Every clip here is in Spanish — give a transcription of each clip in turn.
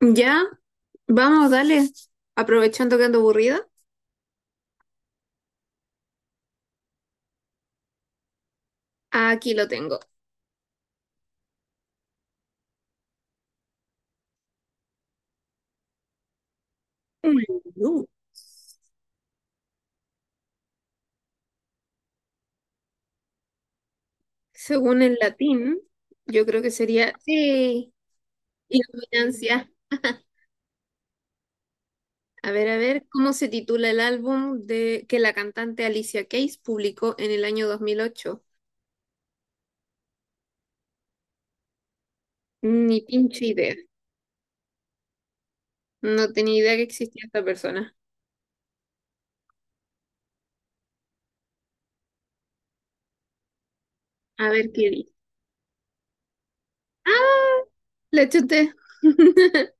Ya, vamos, dale. Aprovechando que ando aburrida, aquí lo tengo. Un menú. Según el latín, yo creo que sería sí. Ignorancia. A ver, ¿cómo se titula el álbum de que la cantante Alicia Keys publicó en el año 2008? Ni pinche idea. No tenía idea que existía esta persona. A ver qué dice. ¡Ah! La chuté.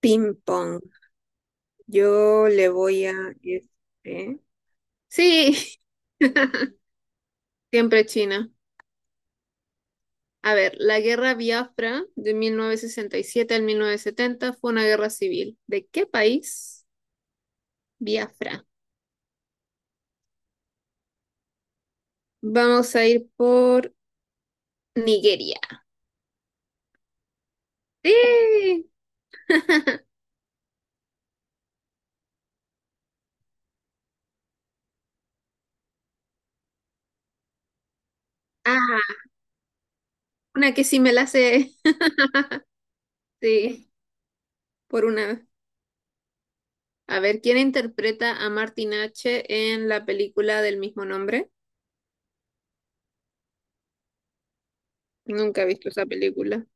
Ping pong. Yo le voy a este. Sí, siempre China. A ver, la guerra Biafra de 1967 al 1970 fue una guerra civil. ¿De qué país? Biafra. Vamos a ir por Nigeria. ¡Sí! Ah, una que sí me la sé. Sí, por una. A ver, ¿quién interpreta a Martin H. en la película del mismo nombre? Nunca he visto esa película.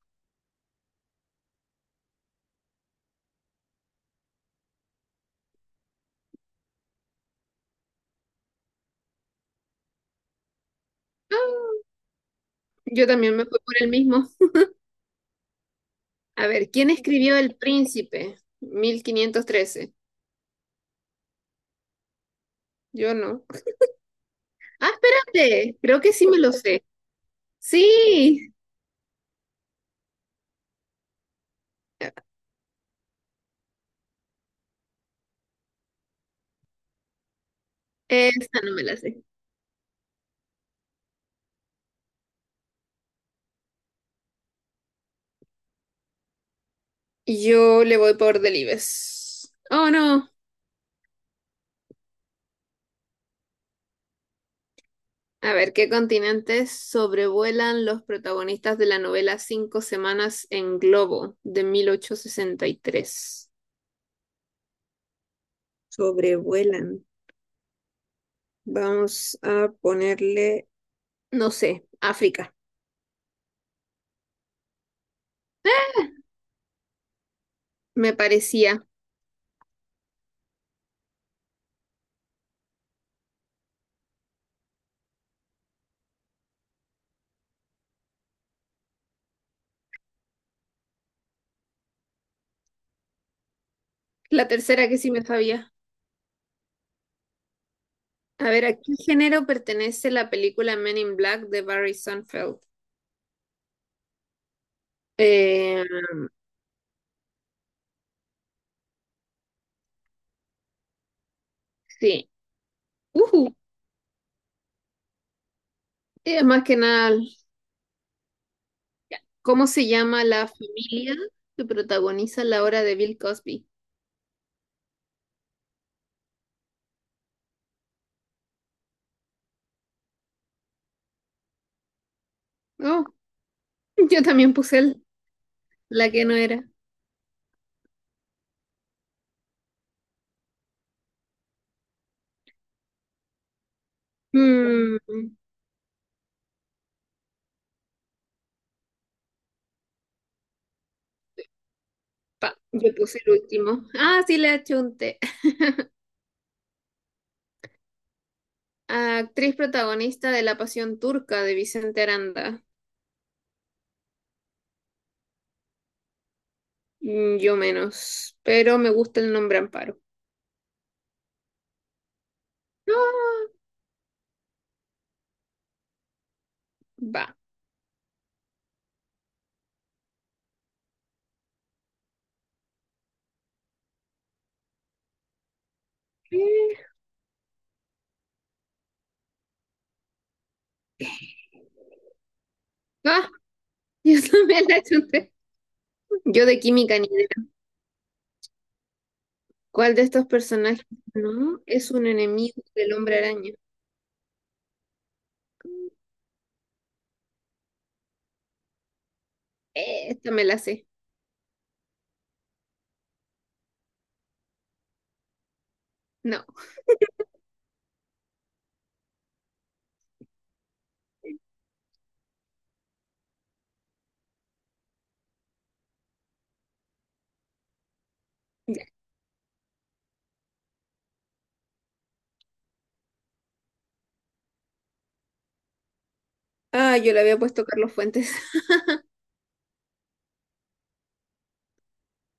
Ah, yo también me fui por el mismo. A ver, ¿quién escribió El Príncipe? 1513. Yo no. Ah, espérate, creo que sí me lo sé. Sí, esta no me la sé. Yo le voy por Delibes. Oh, no. A ver, ¿qué continentes sobrevuelan los protagonistas de la novela Cinco Semanas en Globo de 1863? Sobrevuelan. Vamos a ponerle, no sé, África. Me parecía. La tercera que sí me sabía. A ver, ¿a qué género pertenece la película Men in Black de Barry Sunfeld? Sí. Ujú. Es más que nada, ya. ¿Cómo se llama la familia que protagoniza la obra de Bill Cosby? Oh, yo también puse el- la que no era. Mm, pa, yo puse el último. Ah, sí, le achunté. Actriz protagonista de La Pasión Turca de Vicente Aranda. Yo menos, pero me gusta el nombre Amparo. Ah, va. Eh, Ah, yo también la achunté. Yo de química ni ¿cuál de estos personajes no es un enemigo del hombre araña? Esta me la sé. No. Ya. Ah, yo le había puesto Carlos Fuentes.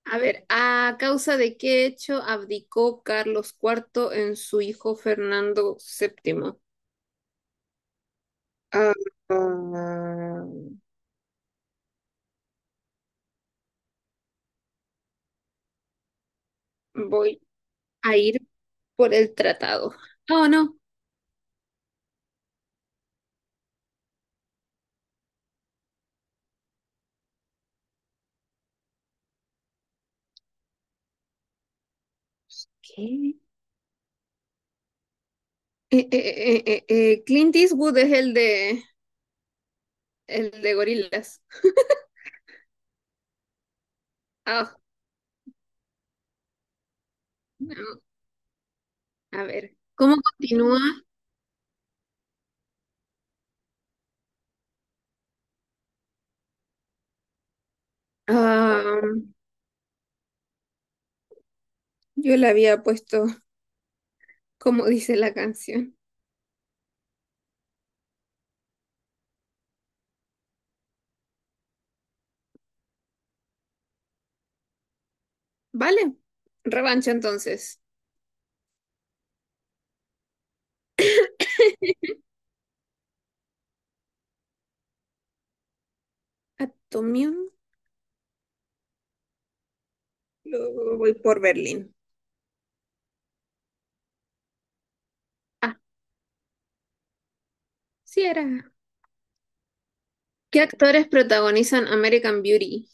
A ver, ¿a causa de qué hecho abdicó Carlos Cuarto en su hijo Fernando VII? Ah, ah, voy a ir por el tratado. Oh, no. ¿Qué? Clint Eastwood es el de gorilas. Ah, no. A ver, ¿cómo continúa? Ah, yo le había puesto, como dice la canción. Vale, revancha entonces. Atomium, luego voy por Berlín. Ah, sí era. ¿Qué actores protagonizan American Beauty?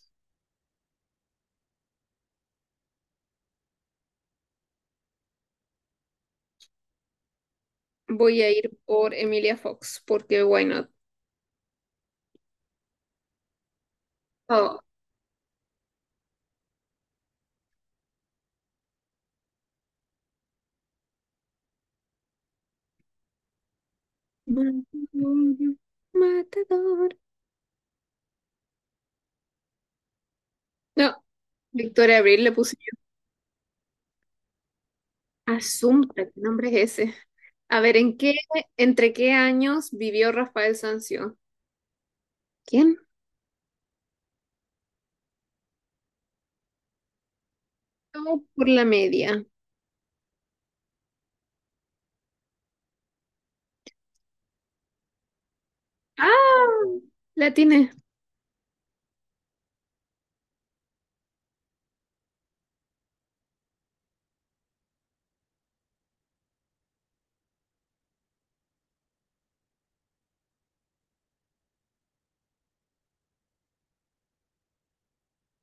Voy a ir por Emilia Fox, porque why not? Oh. Matador, matador. No, Victoria Abril le puse yo. Asunta, ¿qué nombre es ese? A ver, entre qué años vivió Rafael Sanzio? ¿Quién? No, por la media. Ah, la tiene.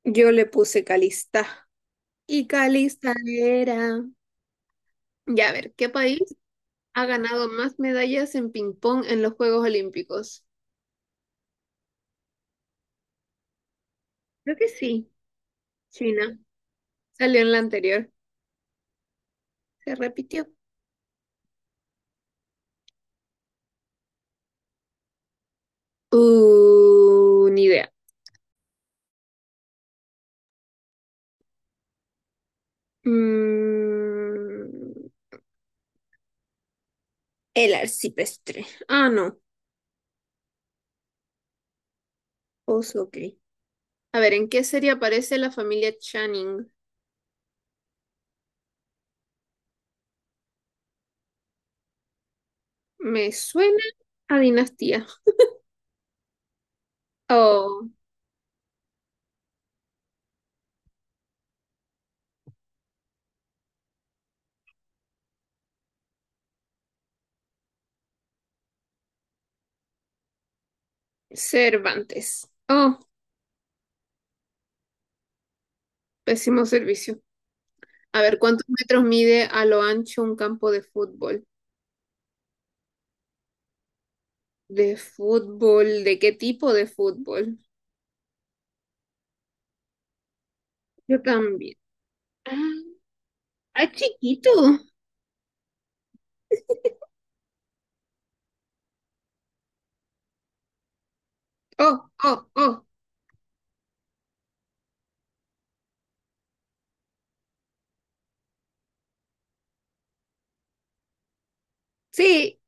Yo le puse Calista. Y Calista era. Ya a ver, ¿qué país ha ganado más medallas en ping pong en los Juegos Olímpicos? Creo que sí, China. Salió en la anterior. Se repitió. Ni idea. Mm, el arcipreste. Ah, no. Oso, ok. A ver, ¿en qué serie aparece la familia Channing? Me suena a dinastía. Oh. Cervantes. Oh, pésimo servicio. A ver, ¿cuántos metros mide a lo ancho un campo de fútbol? ¿De fútbol? ¿De qué tipo de fútbol? Yo también. Ah, ah, chiquito. Oh, oh, oh. Sí.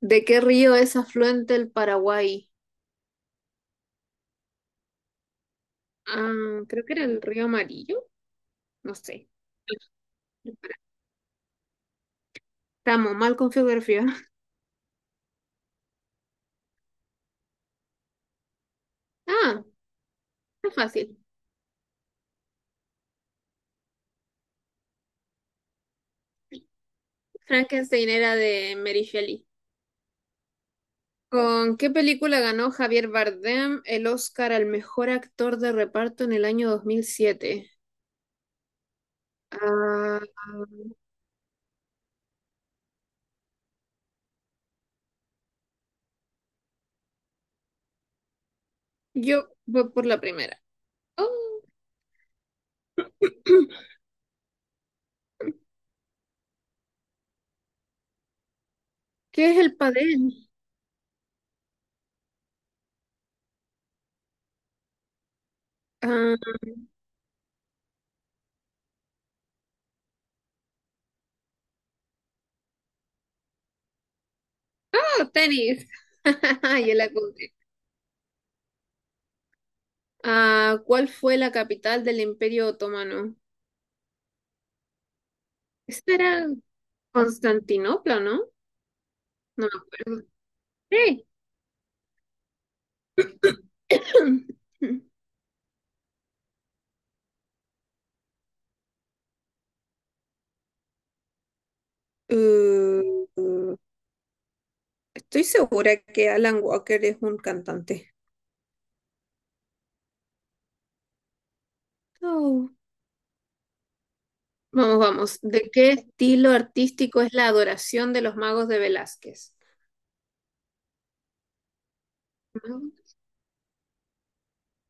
¿De qué río es afluente el Paraguay? Ah, creo que era el río Amarillo. No sé. Estamos mal con geografía. Ah, está fácil. Frankenstein era de Mary Shelley. ¿Con qué película ganó Javier Bardem el Oscar al mejor actor de reparto en el año 2007? Ah, yo voy por la primera. Oh, ¿qué es el padel? Ah, oh, tenis. Ya la conté. Ah, ¿cuál fue la capital del Imperio Otomano? Esta era Constantinopla, ¿no? No me acuerdo. Sí. Uh, estoy segura que Alan Walker es un cantante. Oh. Vamos, vamos. ¿De qué estilo artístico es la adoración de los magos de Velázquez? Magos.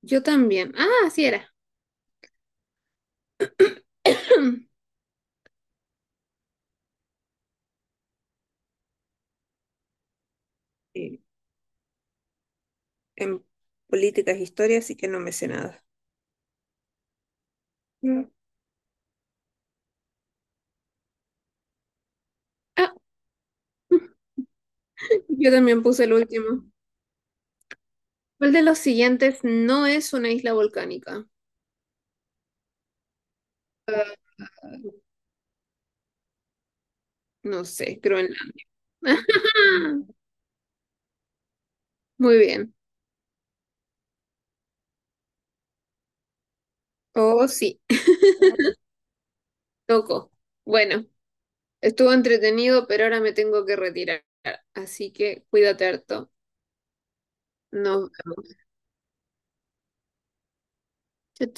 Yo también. Ah, así era. Sí, en política es historia, así que no me sé nada. Mm. Ah, yo también puse el último. ¿Cuál de los siguientes no es una isla volcánica? No sé, Groenlandia. Muy bien. Oh, sí, tocó. Bueno, estuvo entretenido, pero ahora me tengo que retirar. Así que cuídate harto. Nos vemos. Chao, chao.